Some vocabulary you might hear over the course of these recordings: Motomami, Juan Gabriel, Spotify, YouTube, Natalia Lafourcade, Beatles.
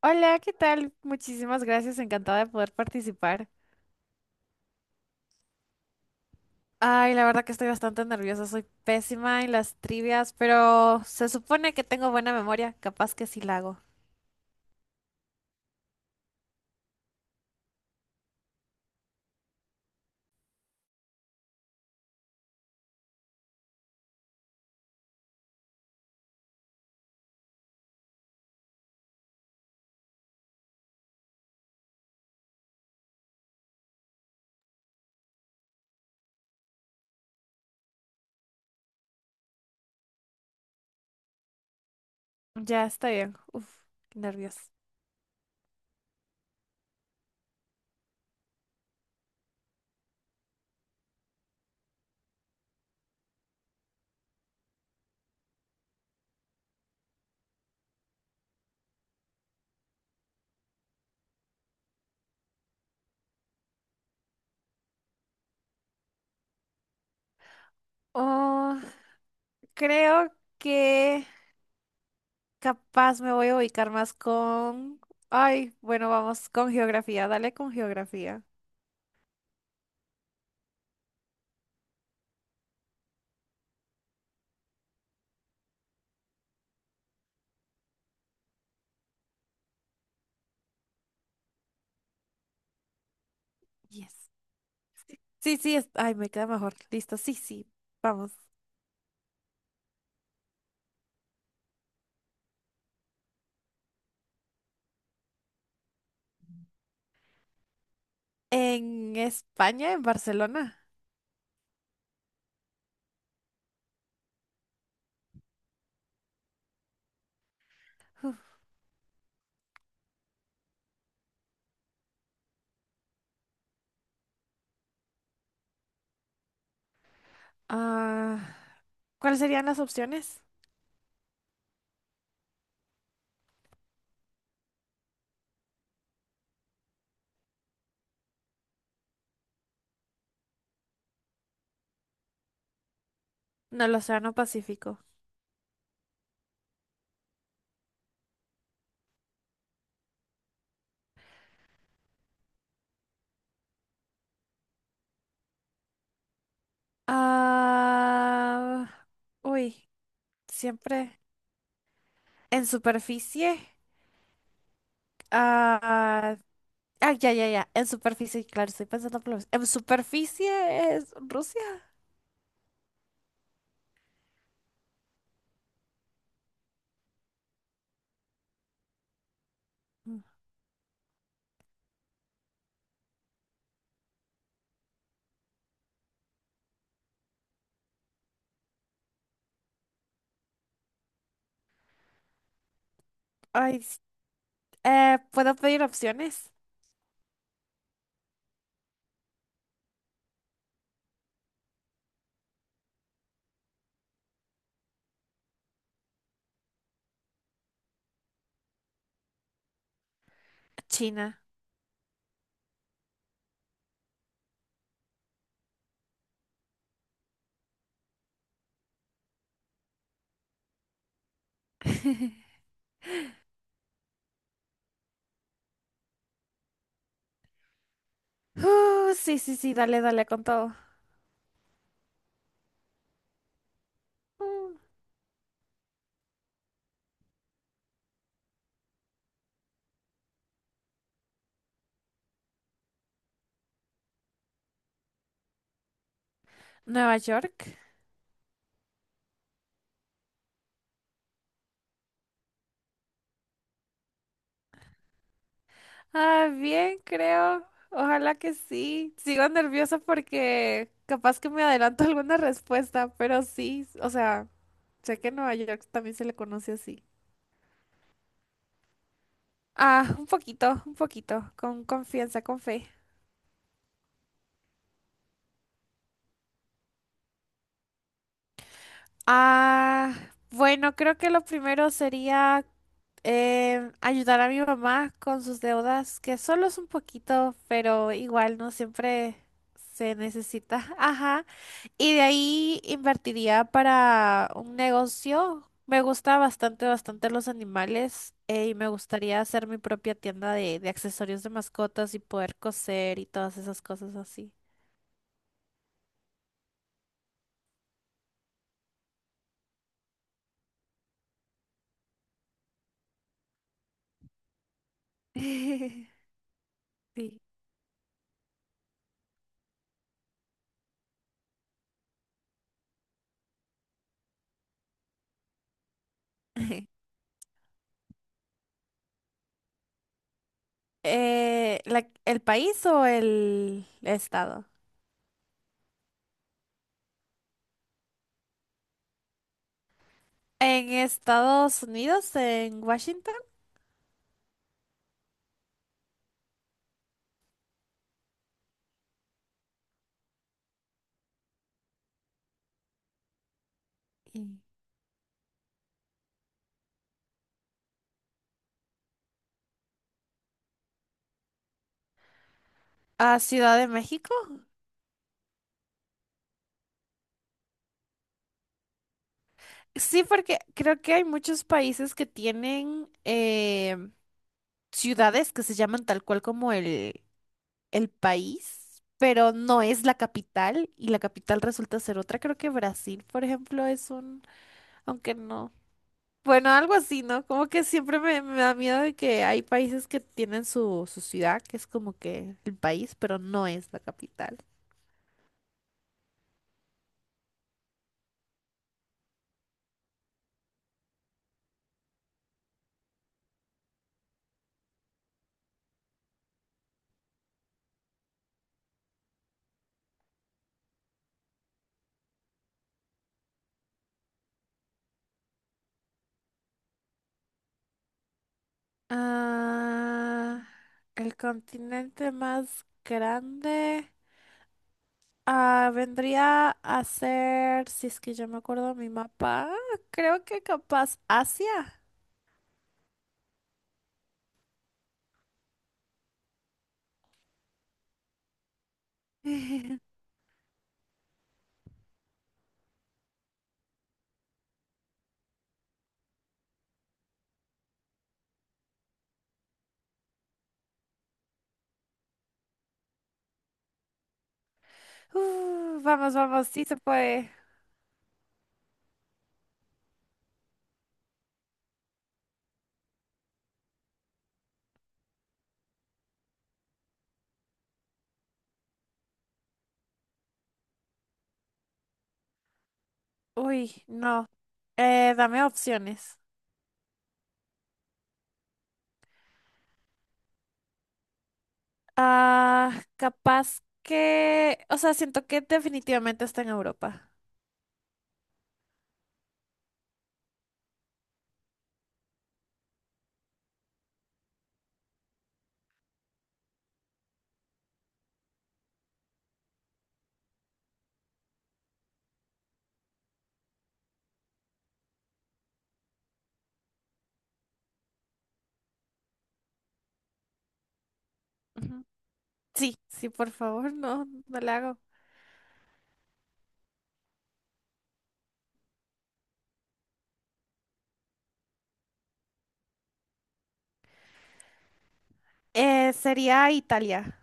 Hola, ¿qué tal? Muchísimas gracias, encantada de poder participar. Ay, la verdad que estoy bastante nerviosa, soy pésima en las trivias, pero se supone que tengo buena memoria, capaz que sí la hago. Ya está bien, qué nervios. Oh, creo que capaz me voy a ubicar más con... Ay, bueno, vamos con geografía, dale con geografía. Yes. Sí, sí, ay, me queda mejor. Listo, sí, sí, vamos. En España, en Barcelona. Ah. ¿Cuáles serían las opciones? No, el Océano Pacífico. Ah, uy, siempre en superficie. Ah, ah, ya, ya, ya. En superficie, claro, estoy pensando por en superficie es Rusia. Mm. Ay, s- ¿Puedo pedir opciones? China. Sí, sí, sí, dale, dale con todo. Mm. Nueva York. Ah, bien, creo. Ojalá que sí. Sigo nerviosa porque capaz que me adelanto alguna respuesta, pero sí, o sea, sé que en Nueva York también se le conoce así. Ah, un poquito, con confianza, con fe. Ah, bueno, creo que lo primero sería ayudar a mi mamá con sus deudas, que solo es un poquito, pero igual no siempre se necesita. Ajá. Y de ahí invertiría para un negocio. Me gusta bastante, bastante los animales y me gustaría hacer mi propia tienda de accesorios de mascotas y poder coser y todas esas cosas así. Sí. El país o el estado? En Estados Unidos, en Washington, y- a Ciudad de México. Sí, porque creo que hay muchos países que tienen ciudades que se llaman tal cual como el país, pero no es la capital y la capital resulta ser otra. Creo que Brasil, por ejemplo, es un, aunque no. Bueno, algo así, ¿no? Como que siempre me da miedo de que hay países que tienen su ciudad, que es como que el país, pero no es la capital. Ah, el continente más grande vendría a ser, si es que yo me acuerdo mi mapa, creo que capaz Asia. Vamos, vamos, sí se puede. Uy, no. Dame opciones. Ah, capaz que, o sea, siento que definitivamente está en Europa. Ujú. Sí, sí, por favor, no, no la hago. Sería Italia.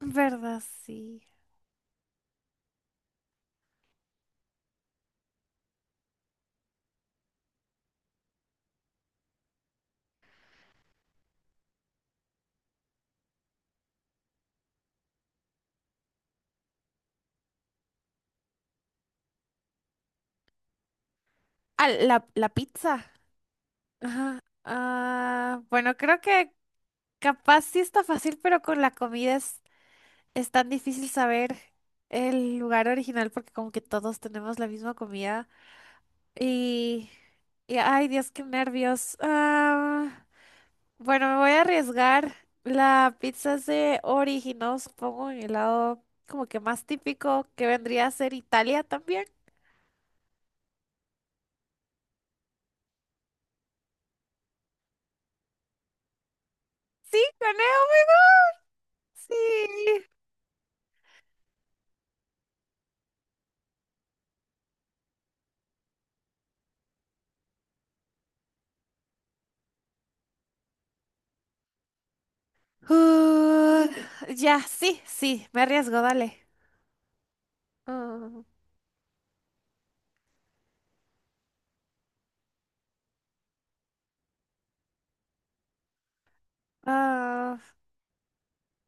¿Verdad? Sí. La pizza. Ajá. Bueno, creo que capaz sí está fácil, pero con la comida es tan difícil saber el lugar original porque como que todos tenemos la misma comida. Y, ay, Dios, qué nervios. Bueno, me voy a arriesgar. La pizza se originó, supongo, en el lado como que más típico que vendría a ser Italia también. Sí, gané, oh my God, sí. Uh, ya, sí, sí, me arriesgo, dale. Ah, Ah,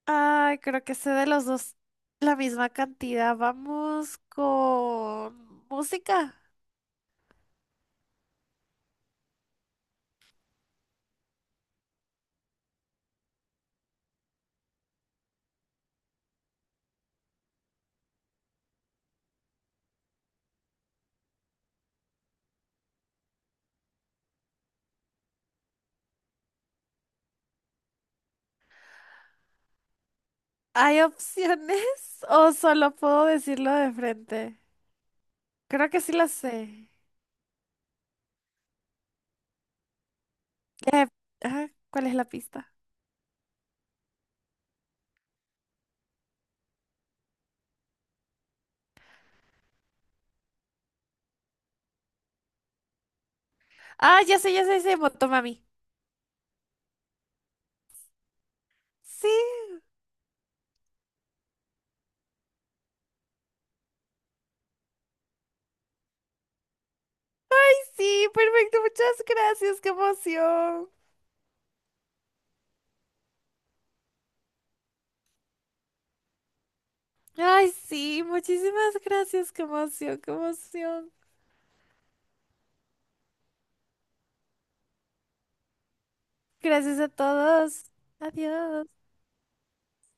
ay, creo que sé de los dos la misma cantidad. Vamos con música. ¿Hay opciones o solo puedo decirlo de frente? Creo que sí lo sé. Eh, ¿Cuál es la pista? Ah, ya sé, ya sé, ya sé, Motomami. Sí, sí, perfecto, muchas gracias, qué emoción. Ay, sí, muchísimas gracias, qué emoción, qué emoción. Gracias a todos. Adiós.